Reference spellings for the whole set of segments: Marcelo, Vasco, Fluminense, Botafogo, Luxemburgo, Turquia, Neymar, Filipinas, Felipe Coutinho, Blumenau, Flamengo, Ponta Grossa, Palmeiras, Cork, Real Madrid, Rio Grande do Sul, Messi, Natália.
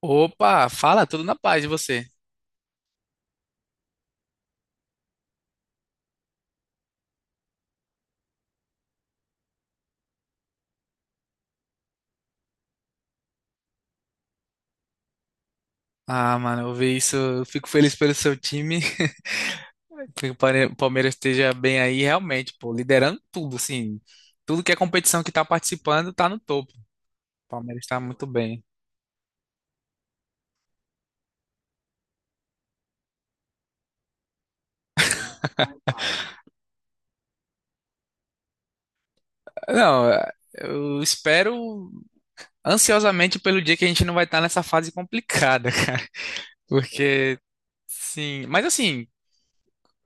Opa, fala, tudo na paz de você. Ah, mano, eu vi isso, eu fico feliz pelo seu time. Que o Palmeiras esteja bem aí, realmente, pô, liderando tudo, assim. Tudo que é competição que tá participando tá no topo. O Palmeiras tá muito bem. Não, eu espero ansiosamente pelo dia que a gente não vai estar nessa fase complicada, cara. Porque, sim. Mas assim,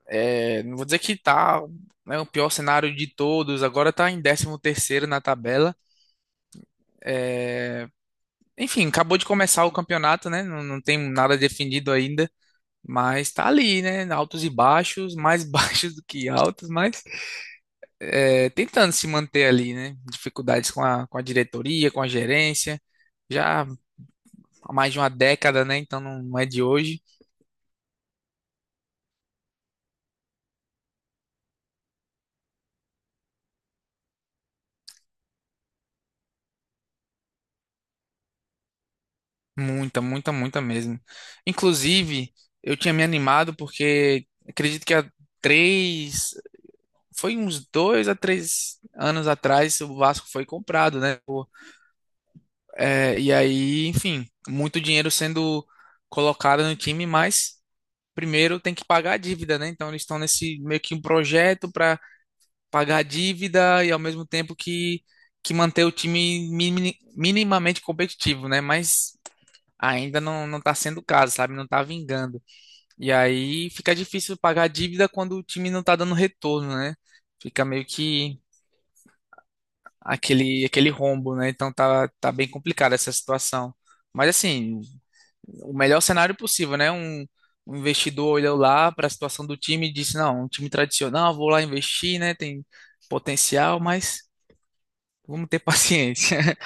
não vou dizer que tá, né, o pior cenário de todos. Agora tá em 13º na tabela. É, Enfim, acabou de começar o campeonato, né? Não tem nada definido ainda, mas tá ali, né? Altos e baixos, mais baixos do que altos, mas tentando se manter ali, né? Dificuldades com a diretoria, com a gerência, já há mais de uma década, né? Então não é de hoje. Muita, muita, muita mesmo. Inclusive, eu tinha me animado porque acredito que três, foi uns 2 a 3 anos atrás, o Vasco foi comprado, né? E aí, enfim, muito dinheiro sendo colocado no time, mas primeiro tem que pagar a dívida, né? Então eles estão nesse meio que um projeto para pagar a dívida e ao mesmo tempo que manter o time minimamente competitivo, né? Mas ainda não tá sendo o caso, sabe? Não tá vingando. E aí fica difícil pagar a dívida quando o time não tá dando retorno, né? Fica meio que aquele rombo, né? Então tá, tá bem complicada essa situação. Mas assim, o melhor cenário possível, né? Um investidor olhou lá para a situação do time e disse, não, um time tradicional, vou lá investir, né? Tem potencial, mas vamos ter paciência.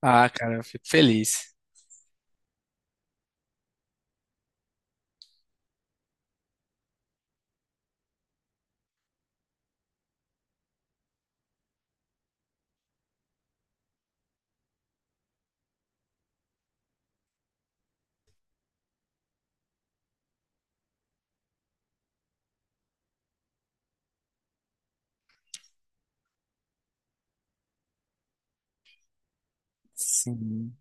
Ah, cara, eu fico feliz. Sim,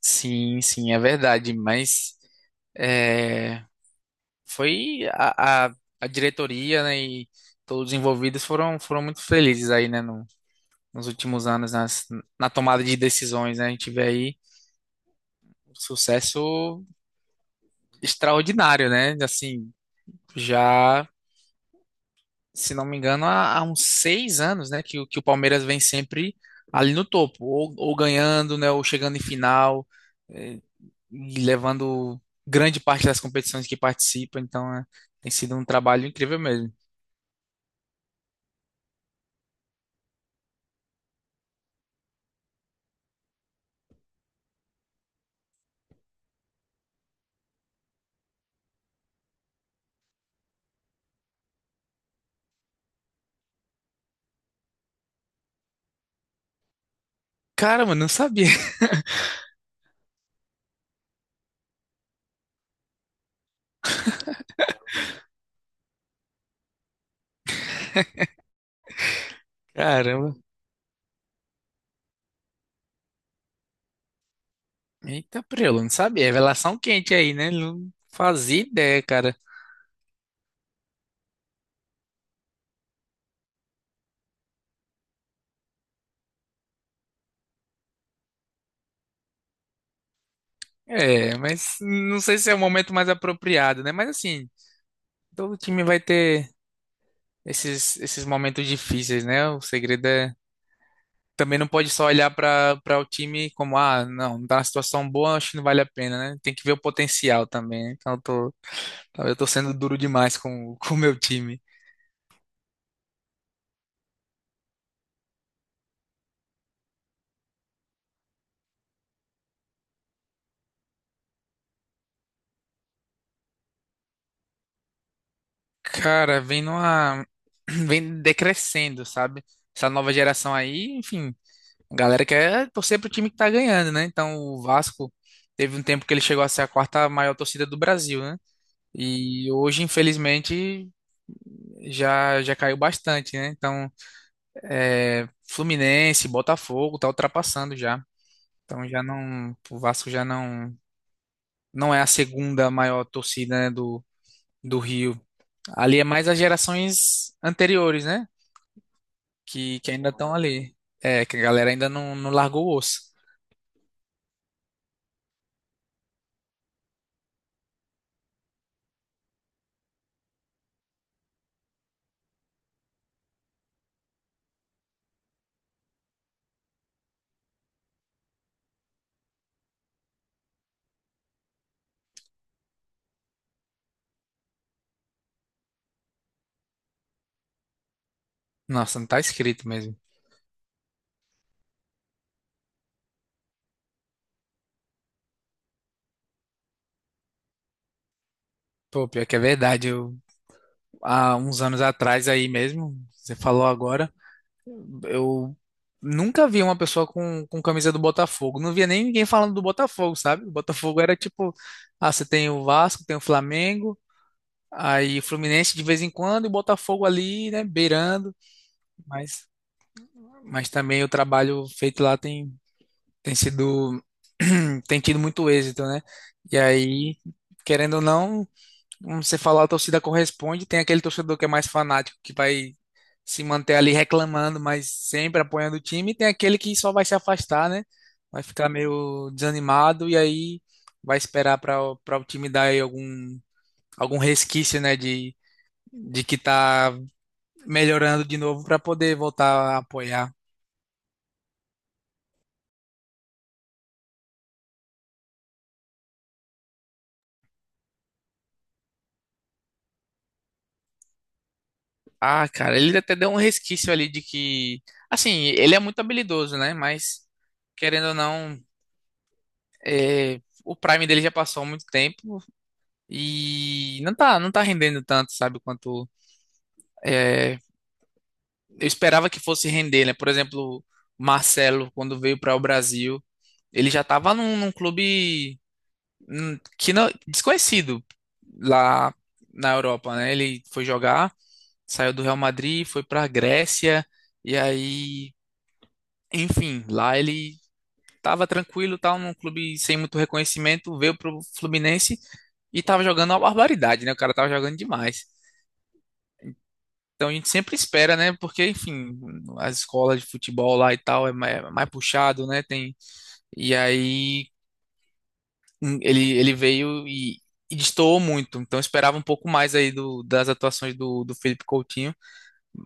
sim, sim, é verdade, mas é, foi a, a, a diretoria, né, e todos os envolvidos foram muito felizes aí, né, nos últimos anos, na tomada de decisões, né, a gente vê aí um sucesso extraordinário, né, assim, já, se não me engano, há uns 6 anos, né, que o Palmeiras vem sempre ali no topo, ou ganhando, né, ou chegando em final, eh, e levando grande parte das competições que participa, então é, tem sido um trabalho incrível mesmo. Cara, mano, não sabia. Caramba. Eita, prelo, não sabia. É revelação quente aí, né? Não fazia ideia, cara. É, mas não sei se é o momento mais apropriado, né? Mas assim, todo time vai ter esses momentos difíceis, né? O segredo é. Também não pode só olhar para o time como, ah, não, não tá na situação boa, acho que não vale a pena, né? Tem que ver o potencial também, né? Então, eu tô sendo duro demais com, com o meu time. Cara, vem numa. Vem decrescendo, sabe? Essa nova geração aí, enfim, a galera quer torcer pro time que tá ganhando, né? Então, o Vasco teve um tempo que ele chegou a ser a quarta maior torcida do Brasil, né? E hoje, infelizmente, já caiu bastante, né? Então, Fluminense, Botafogo tá ultrapassando já. Então já não, o Vasco já não é a segunda maior torcida, né, do do Rio. Ali é mais as gerações anteriores, né? Que ainda estão ali. É, que a galera ainda não largou o osso. Nossa, não tá escrito mesmo. Pô, pior que é verdade. Há uns anos atrás aí mesmo, você falou agora. Eu nunca vi uma pessoa com camisa do Botafogo. Não via nem ninguém falando do Botafogo, sabe? O Botafogo era tipo, ah, você tem o Vasco, tem o Flamengo, aí Fluminense de vez em quando, e o Botafogo ali, né, beirando. Mas, mas também o trabalho feito lá tem sido, tem tido muito êxito, né? E aí, querendo ou não como você falou, a torcida corresponde. Tem aquele torcedor que é mais fanático, que vai se manter ali reclamando, mas sempre apoiando o time. E tem aquele que só vai se afastar, né? Vai ficar meio desanimado e aí vai esperar para o time dar aí algum resquício, né? De que tá melhorando de novo para poder voltar a apoiar. Ah, cara, ele até deu um resquício ali de que. Assim, ele é muito habilidoso, né? Mas, querendo ou não, é, o Prime dele já passou há muito tempo. E não tá rendendo tanto, sabe, quanto é, eu esperava que fosse render, né? Por exemplo, Marcelo, quando veio para o Brasil, ele já tava num clube que não, desconhecido lá na Europa, né? Ele foi jogar, saiu do Real Madrid, foi para a Grécia, e aí, enfim, lá ele tava tranquilo, tal, num clube sem muito reconhecimento, veio pro Fluminense e tava jogando uma barbaridade, né? O cara tava jogando demais. Então a gente sempre espera, né? Porque, enfim, as escolas de futebol lá e tal é é mais puxado, né? Tem... E aí ele veio e destoou muito. Então eu esperava um pouco mais aí das atuações do Felipe Coutinho,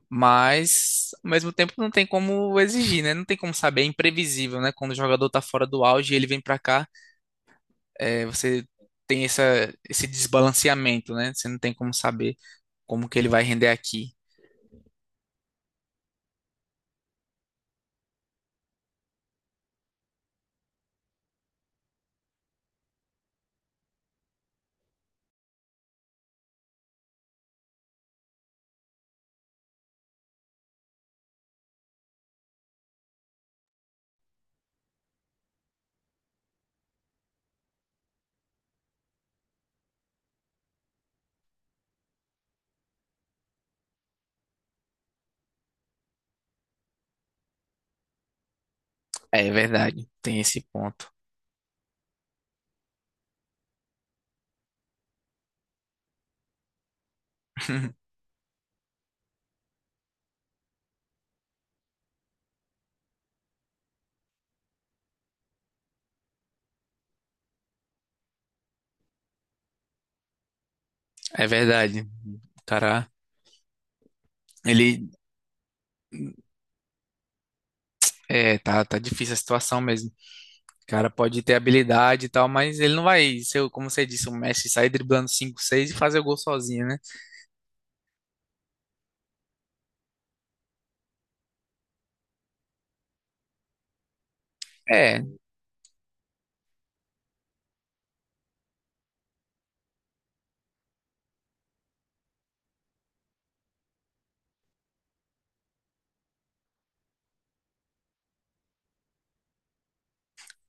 mas ao mesmo tempo não tem como exigir, né? Não tem como saber, é imprevisível, né? Quando o jogador tá fora do auge e ele vem pra cá, é, você tem esse desbalanceamento, né? Você não tem como saber como que ele vai render aqui. É verdade, tem esse ponto. É verdade. O cara, ele é, tá, tá difícil a situação mesmo. O cara pode ter habilidade e tal, mas ele não vai ser, como você disse, o Messi sair driblando 5, 6 e fazer o gol sozinho, né? É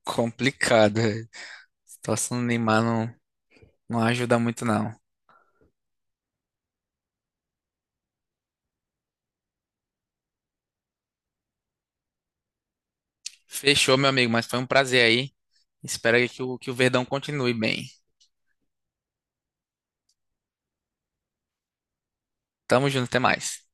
complicado, é. A situação do Neymar não, não ajuda muito, não. Fechou, meu amigo, mas foi um prazer aí. Espero que o Verdão continue bem. Tamo junto, até mais.